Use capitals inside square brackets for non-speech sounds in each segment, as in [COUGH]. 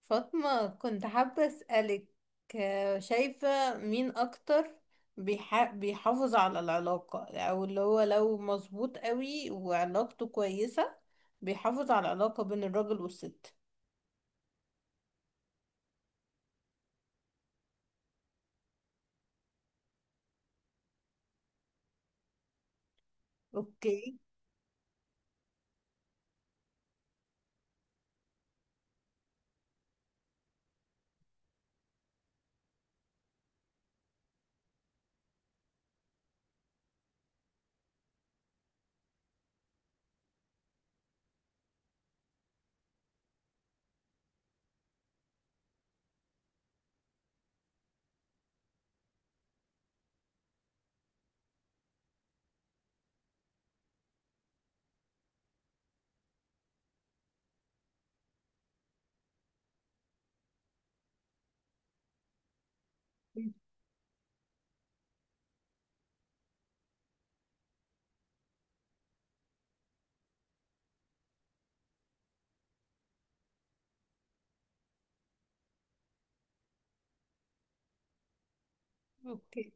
فاطمة، كنت حابة أسألك، شايفة مين أكتر بيحافظ على العلاقة، أو اللي هو لو مظبوط قوي وعلاقته كويسة بيحافظ على العلاقة بين الراجل والست. أوكي. أوكي.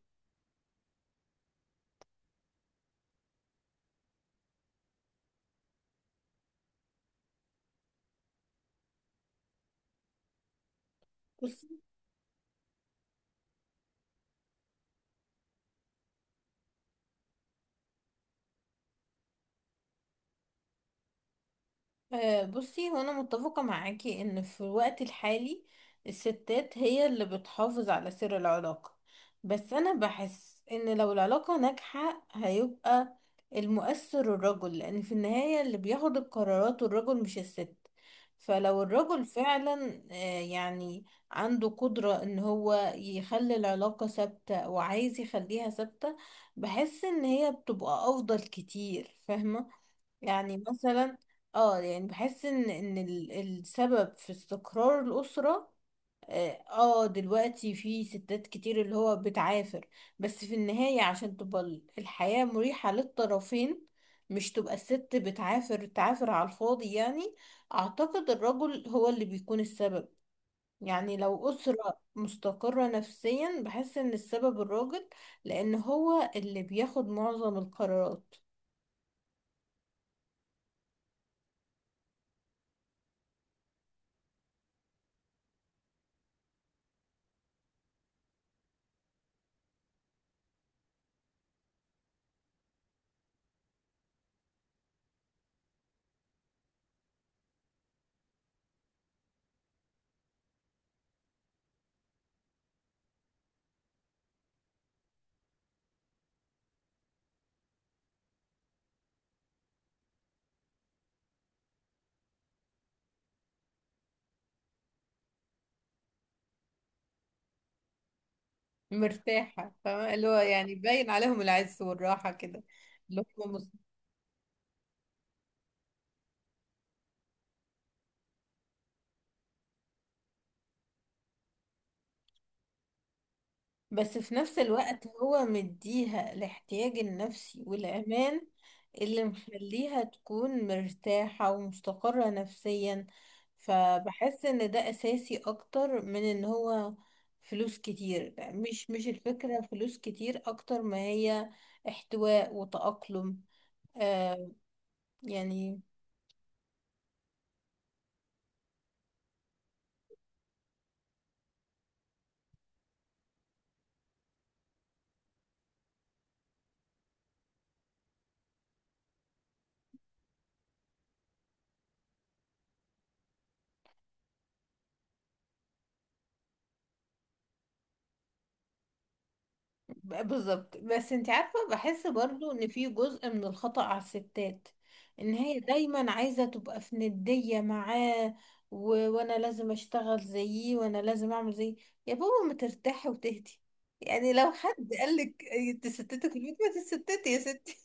بصي، بصي، هو انا متفقة معاكي ان في الوقت الحالي الستات هي اللي بتحافظ على سر العلاقة، بس انا بحس ان لو العلاقة ناجحة هيبقى المؤثر الرجل، لان في النهاية اللي بياخد القرارات الرجل مش الست. فلو الرجل فعلا يعني عنده قدرة ان هو يخلي العلاقة ثابتة وعايز يخليها ثابتة، بحس ان هي بتبقى افضل كتير، فاهمة؟ يعني مثلا اه، يعني بحس ان السبب في استقرار الأسرة. اه، دلوقتي في ستات كتير اللي هو بتعافر، بس في النهاية عشان تبقى الحياة مريحة للطرفين، مش تبقى الست بتعافر تعافر على الفاضي يعني. اعتقد الرجل هو اللي بيكون السبب، يعني لو أسرة مستقرة نفسيا بحس ان السبب الراجل، لان هو اللي بياخد معظم القرارات. مرتاحة، فاهمة اللي هو يعني باين عليهم العز والراحة كده. اللي هم مس- بس في نفس الوقت هو مديها الاحتياج النفسي والأمان، اللي مخليها تكون مرتاحة ومستقرة نفسيا. فبحس ان ده أساسي أكتر من ان هو فلوس كتير. مش الفكرة فلوس كتير، أكتر ما هي احتواء وتأقلم. آه يعني. بالظبط، بس انت عارفة بحس برضو ان في جزء من الخطأ على الستات، ان هي دايما عايزة تبقى في ندية معاه. وانا لازم اشتغل زيه، وانا لازم اعمل زيه. يا بابا، ما ترتاحي وتهدي. يعني لو حد قالك تستتك في البيت، ما تستتي يا ستي.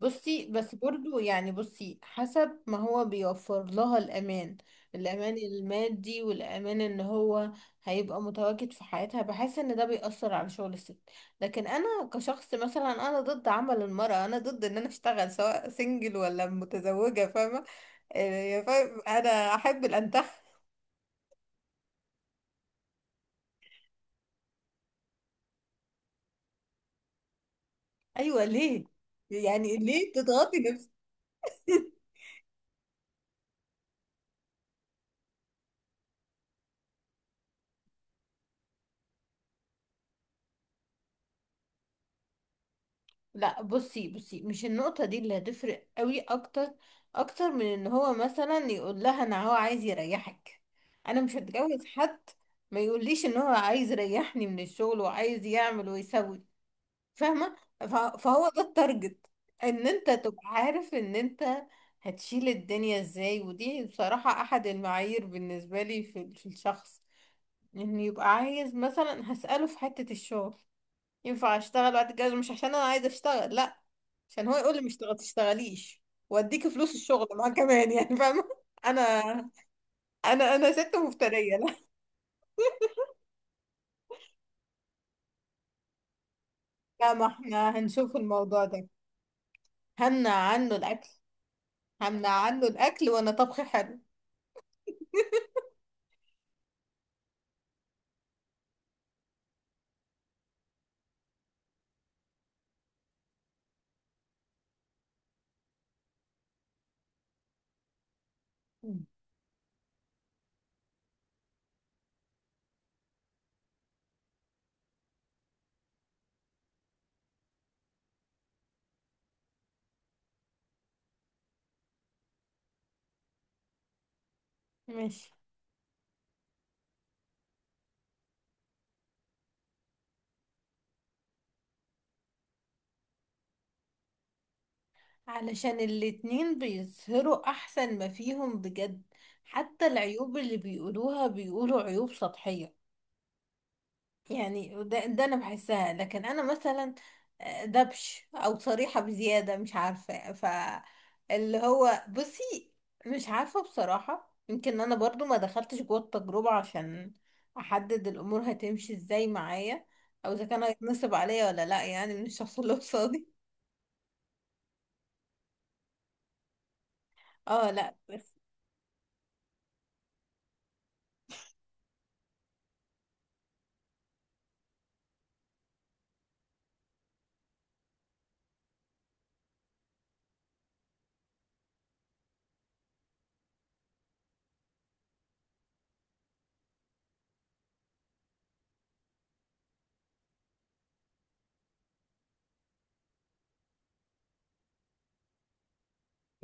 بصي، بس برضو يعني بصي حسب ما هو بيوفر لها الأمان، الأمان المادي والأمان إن هو هيبقى متواجد في حياتها، بحس إن ده بيأثر على شغل الست. لكن أنا كشخص مثلا أنا ضد عمل المرأة، أنا ضد إن أنا أشتغل سواء سنجل ولا متزوجة، فاهمة؟ فاهم، أنا أحب الأنتخ. أيوة، ليه؟ يعني ليه تضغطي نفسك؟ [LAUGHS] لا بصي، بصي، مش النقطة دي اللي هتفرق قوي اكتر، اكتر من ان هو مثلا يقول لها انا هو عايز يريحك. انا مش هتجوز حد ما يقوليش ان هو عايز يريحني من الشغل، وعايز يعمل ويسوي، فاهمة؟ فهو ده التارجت، ان انت تبقى عارف ان انت هتشيل الدنيا ازاي. ودي بصراحة احد المعايير بالنسبة لي في في الشخص، ان يبقى عايز مثلا. هسأله في حتة الشغل، ينفع اشتغل بعد الجواز؟ مش عشان انا عايزة اشتغل، لا، عشان هو يقول لي مش تغ- تشتغليش، واديكي فلوس الشغل معاه كمان يعني. [LAUGHS] فاهمه؟ انا انا ست مفتريه، لا. لا، ما احنا هنشوف الموضوع ده. همنع عنه الاكل. همنع عنه الاكل وانا طبخي حلو. مم. [LAUGHS] ماشي. علشان الاتنين بيظهروا احسن ما فيهم بجد. حتى العيوب اللي بيقولوها بيقولوا عيوب سطحية. يعني ده انا بحسها، لكن انا مثلا دبش او صريحة بزيادة، مش عارفة ف اللي هو بصي. مش عارفة بصراحة، يمكن انا برضو ما دخلتش جوه التجربة عشان احدد الامور هتمشي ازاي معايا، او اذا كان هيتنصب عليا ولا لا يعني من الشخص اللي قصادي. اه لا بس.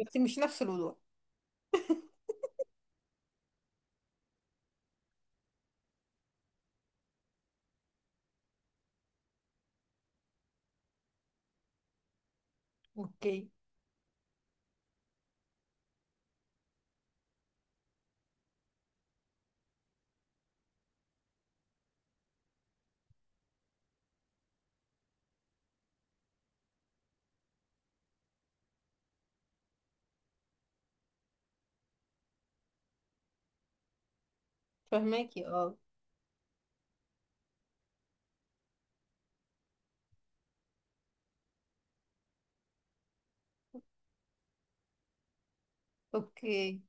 بس مش نفس الوضوح. [LAUGHS] اوكي. فهماكي، اه. اوكي.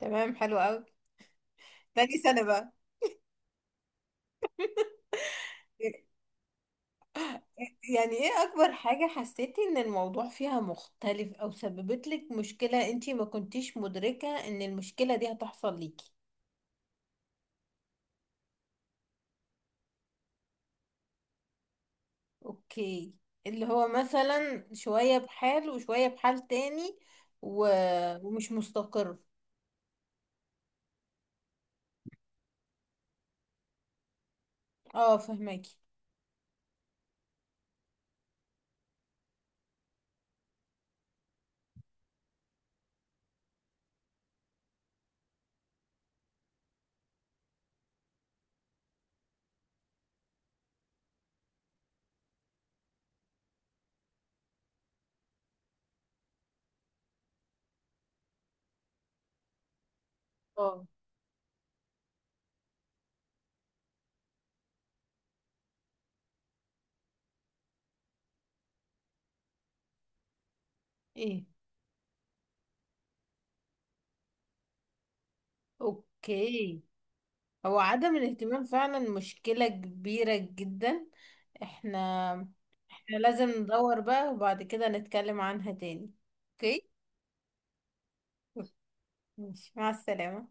تمام، حلو قوي. تاني سنة بقى؟ يعني ايه اكبر حاجة حسيتي ان الموضوع فيها مختلف، او سببت لك مشكلة انتي ما كنتيش مدركة ان المشكلة دي هتحصل ليكي؟ اوكي. اللي هو مثلا شوية بحال وشوية بحال تاني و... ومش مستقر. اه فهماكي. اه. ايه. اوكي. هو عدم الاهتمام فعلا مشكلة كبيرة جدا. احنا، احنا لازم ندور بقى وبعد كده نتكلم عنها تاني. اوكي، ماشي، مع السلامة.